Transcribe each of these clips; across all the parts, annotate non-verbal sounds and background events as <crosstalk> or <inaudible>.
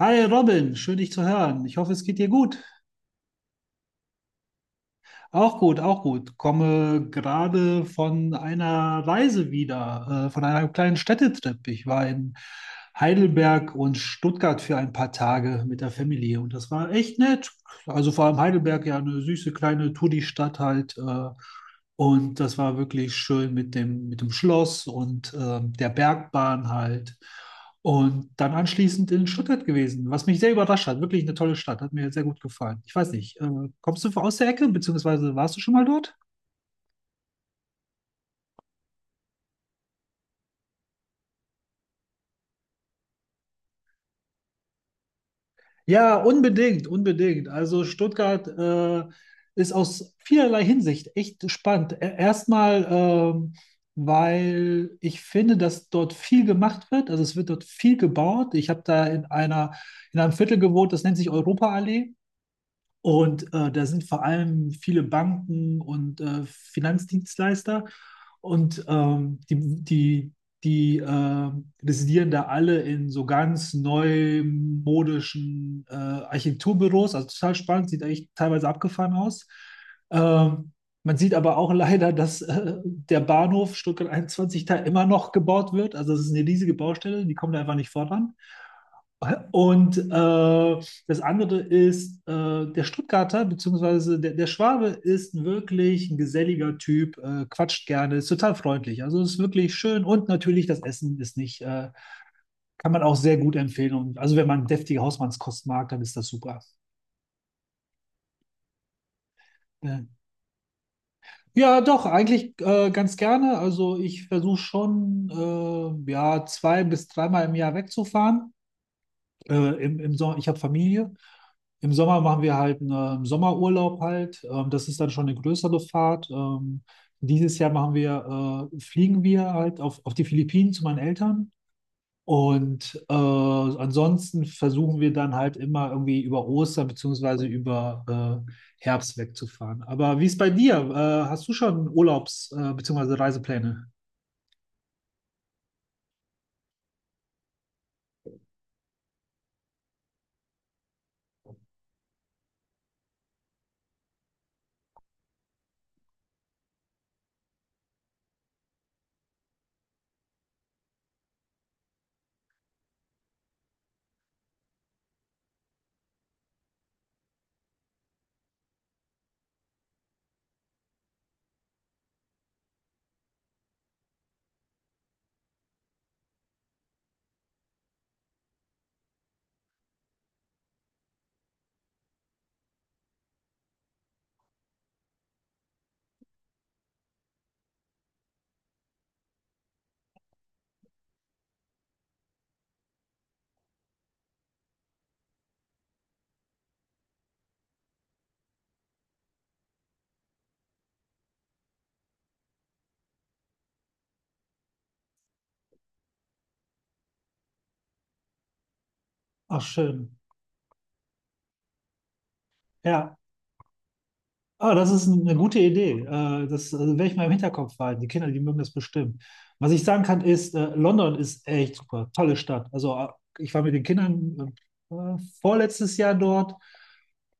Hi Robin, schön dich zu hören. Ich hoffe, es geht dir gut. Auch gut, auch gut. Komme gerade von einer Reise wieder, von einem kleinen Städtetrip. Ich war in Heidelberg und Stuttgart für ein paar Tage mit der Familie und das war echt nett. Also vor allem Heidelberg, ja, eine süße kleine Touri-Stadt halt. Und das war wirklich schön mit mit dem Schloss und der Bergbahn halt. Und dann anschließend in Stuttgart gewesen, was mich sehr überrascht hat. Wirklich eine tolle Stadt, hat mir sehr gut gefallen. Ich weiß nicht, kommst du aus der Ecke, beziehungsweise warst du schon mal dort? Ja, unbedingt, unbedingt. Also Stuttgart ist aus vielerlei Hinsicht echt spannend. Erstmal, weil ich finde, dass dort viel gemacht wird. Also es wird dort viel gebaut. Ich habe da in in einem Viertel gewohnt, das nennt sich Europaallee. Und da sind vor allem viele Banken und Finanzdienstleister und die, die, die residieren da alle in so ganz neumodischen Architekturbüros. Also total spannend, sieht eigentlich teilweise abgefahren aus. Ähm, Man sieht aber auch leider, dass der Bahnhof Stuttgart 21 da immer noch gebaut wird. Also es ist eine riesige Baustelle, die kommen da einfach nicht voran. Und das andere ist, der Stuttgarter bzw. der Schwabe ist wirklich ein geselliger Typ, quatscht gerne, ist total freundlich. Also ist wirklich schön und natürlich das Essen ist nicht, kann man auch sehr gut empfehlen. Und also wenn man deftige Hausmannskost mag, dann ist das super. Ja. Ja, doch, eigentlich ganz gerne. Also ich versuche schon, ja, zwei bis dreimal im Jahr wegzufahren. Im Sommer, ich habe Familie. Im Sommer machen wir halt einen Sommerurlaub halt. Das ist dann schon eine größere Fahrt. Dieses Jahr machen wir, fliegen wir halt auf die Philippinen zu meinen Eltern. Und ansonsten versuchen wir dann halt immer irgendwie über Ostern beziehungsweise über Herbst wegzufahren. Aber wie ist bei dir? Hast du schon beziehungsweise Reisepläne? Ach, schön. Ja. Ah, das ist eine gute Idee. Das werde ich mal im Hinterkopf behalten. Die Kinder, die mögen das bestimmt. Was ich sagen kann, ist, London ist echt super. Tolle Stadt. Also, ich war mit den Kindern vorletztes Jahr dort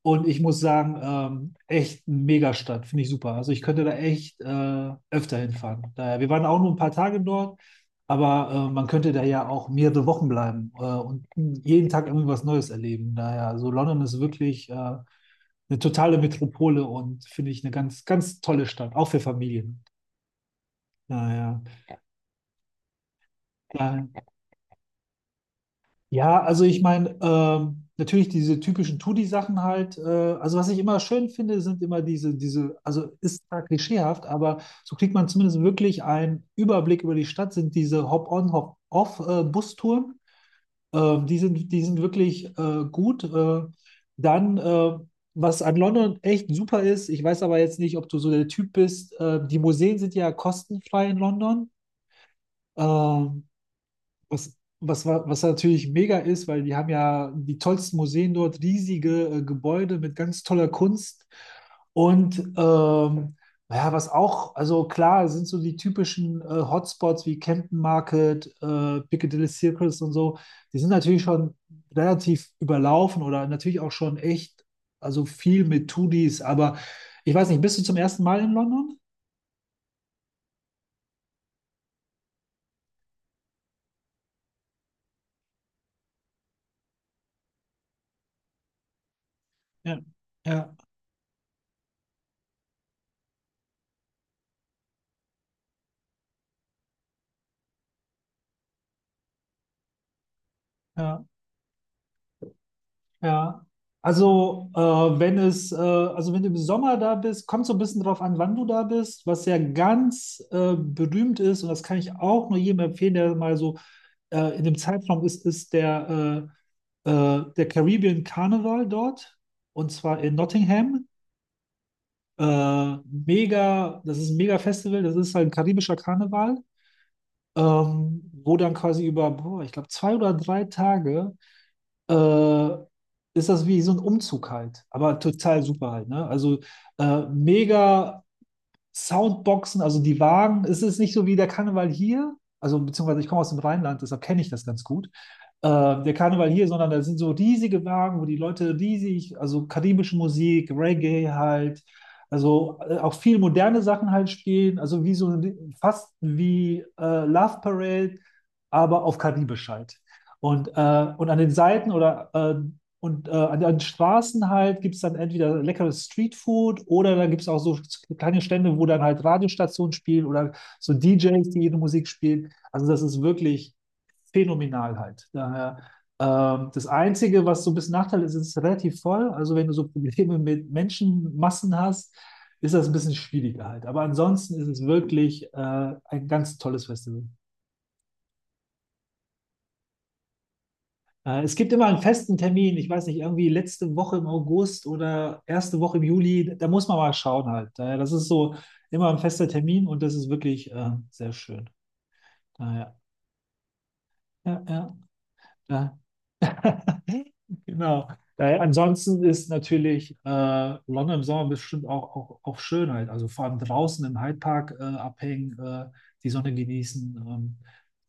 und ich muss sagen, echt eine Megastadt. Finde ich super. Also, ich könnte da echt öfter hinfahren. Daher, wir waren auch nur ein paar Tage dort, aber man könnte da ja auch mehrere Wochen bleiben und jeden Tag irgendwie was Neues erleben. Daher, also, London ist wirklich. Eine totale Metropole und finde ich eine ganz, ganz tolle Stadt, auch für Familien. Naja. Äh, ja, also ich meine, natürlich diese typischen Touri sachen halt. Also was ich immer schön finde, sind immer also ist zwar klischeehaft, aber so kriegt man zumindest wirklich einen Überblick über die Stadt, sind diese Hop-on, Hop-off-Bustouren. Die sind wirklich gut. Dann, äh, was an London echt super ist, ich weiß aber jetzt nicht, ob du so der Typ bist. Die Museen sind ja kostenfrei in London. Ähm, Was natürlich mega ist, weil die haben ja die tollsten Museen dort, riesige Gebäude mit ganz toller Kunst. Und naja, was auch, also klar, sind so die typischen Hotspots wie Camden Market, Piccadilly Circus und so, die sind natürlich schon relativ überlaufen oder natürlich auch schon echt, also viel mit Tudis, aber ich weiß nicht, bist du zum ersten Mal in London? Ja, ja, ja. Ja, also wenn es, also wenn du im Sommer da bist, kommt so ein bisschen drauf an, wann du da bist, was ja ganz berühmt ist und das kann ich auch nur jedem empfehlen, der mal so in dem Zeitraum ist, der Caribbean Carnival dort und zwar in Nottingham. Mega, das ist ein mega Festival, das ist halt ein karibischer Karneval, wo dann quasi über, boah, ich glaube, zwei oder drei Tage äh, ist das wie so ein Umzug halt, aber total super halt, ne? Also mega Soundboxen, also die Wagen, es ist nicht so wie der Karneval hier, also beziehungsweise ich komme aus dem Rheinland, deshalb kenne ich das ganz gut der Karneval hier, sondern da sind so riesige Wagen, wo die Leute riesig, also karibische Musik, Reggae halt, also auch viel moderne Sachen halt spielen, also wie so fast wie Love Parade, aber auf Karibisch halt. Und an den Seiten oder und an den Straßen halt gibt es dann entweder leckeres Streetfood oder dann gibt es auch so kleine Stände, wo dann halt Radiostationen spielen oder so DJs, die ihre Musik spielen. Also das ist wirklich phänomenal halt. Daher, das Einzige, was so ein bisschen Nachteil ist, ist relativ voll. Also wenn du so Probleme mit Menschenmassen hast, ist das ein bisschen schwieriger halt. Aber ansonsten ist es wirklich ein ganz tolles Festival. Es gibt immer einen festen Termin, ich weiß nicht, irgendwie letzte Woche im August oder erste Woche im Juli, da muss man mal schauen halt. Daher, das ist so immer ein fester Termin und das ist wirklich sehr schön. Daher, ja, ja. Daher. <laughs> Genau. Daher, ansonsten ist natürlich London im Sommer bestimmt auch, auch auf Schönheit. Also vor allem draußen im Hyde Park abhängen, die Sonne genießen.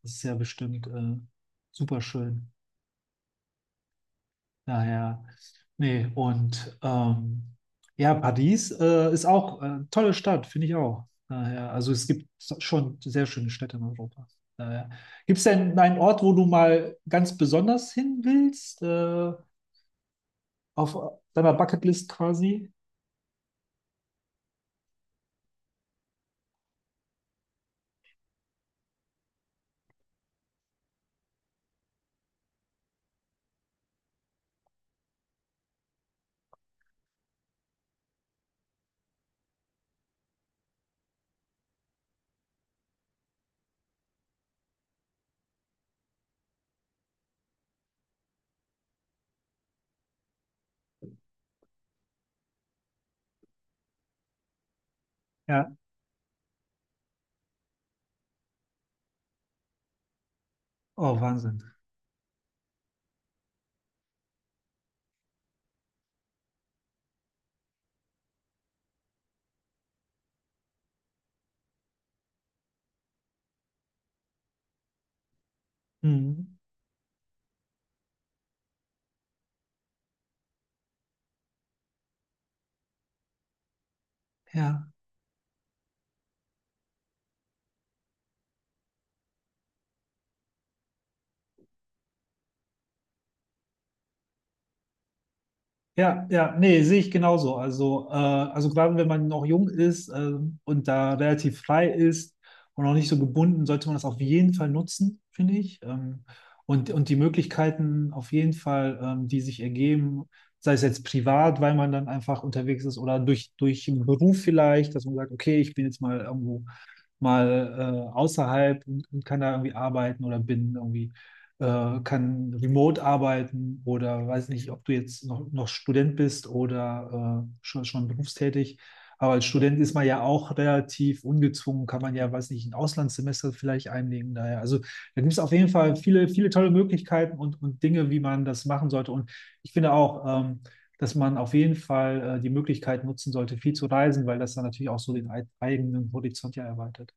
Das ist ja bestimmt super schön. Daher, nee, und ja, Paris ist auch eine tolle Stadt, finde ich auch. Daher, also es gibt so- schon sehr schöne Städte in Europa. Daher. Gibt es denn einen Ort, wo du mal ganz besonders hin willst? Auf deiner Bucketlist quasi? Ja, oh Wahnsinn. Mhm. Ja. Ja, ja, nee, sehe ich genauso. Also gerade wenn man noch jung ist, und da relativ frei ist und noch nicht so gebunden, sollte man das auf jeden Fall nutzen, finde ich. Und die Möglichkeiten auf jeden Fall, die sich ergeben, sei es jetzt privat, weil man dann einfach unterwegs ist oder durch einen Beruf vielleicht, dass man sagt, okay, ich bin jetzt mal irgendwo mal außerhalb und kann da irgendwie arbeiten oder bin irgendwie kann remote arbeiten oder weiß nicht, ob du jetzt noch Student bist oder schon berufstätig. Aber als Student ist man ja auch relativ ungezwungen, kann man ja, weiß nicht, ein Auslandssemester vielleicht einlegen. Daher. Also da gibt es auf jeden Fall viele, viele tolle Möglichkeiten und Dinge, wie man das machen sollte. Und ich finde auch, dass man auf jeden Fall die Möglichkeit nutzen sollte, viel zu reisen, weil das dann natürlich auch so den eigenen Horizont ja erweitert.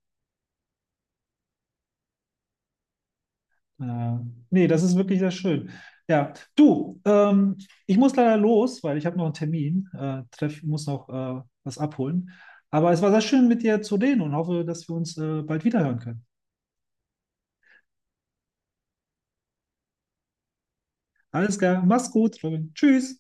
Ja. Nee, das ist wirklich sehr schön. Ja, du, ich muss leider los, weil ich habe noch einen Termin, muss noch was abholen. Aber es war sehr schön, mit dir zu reden und hoffe, dass wir uns bald wiederhören können. Alles klar, mach's gut, Robin. Tschüss.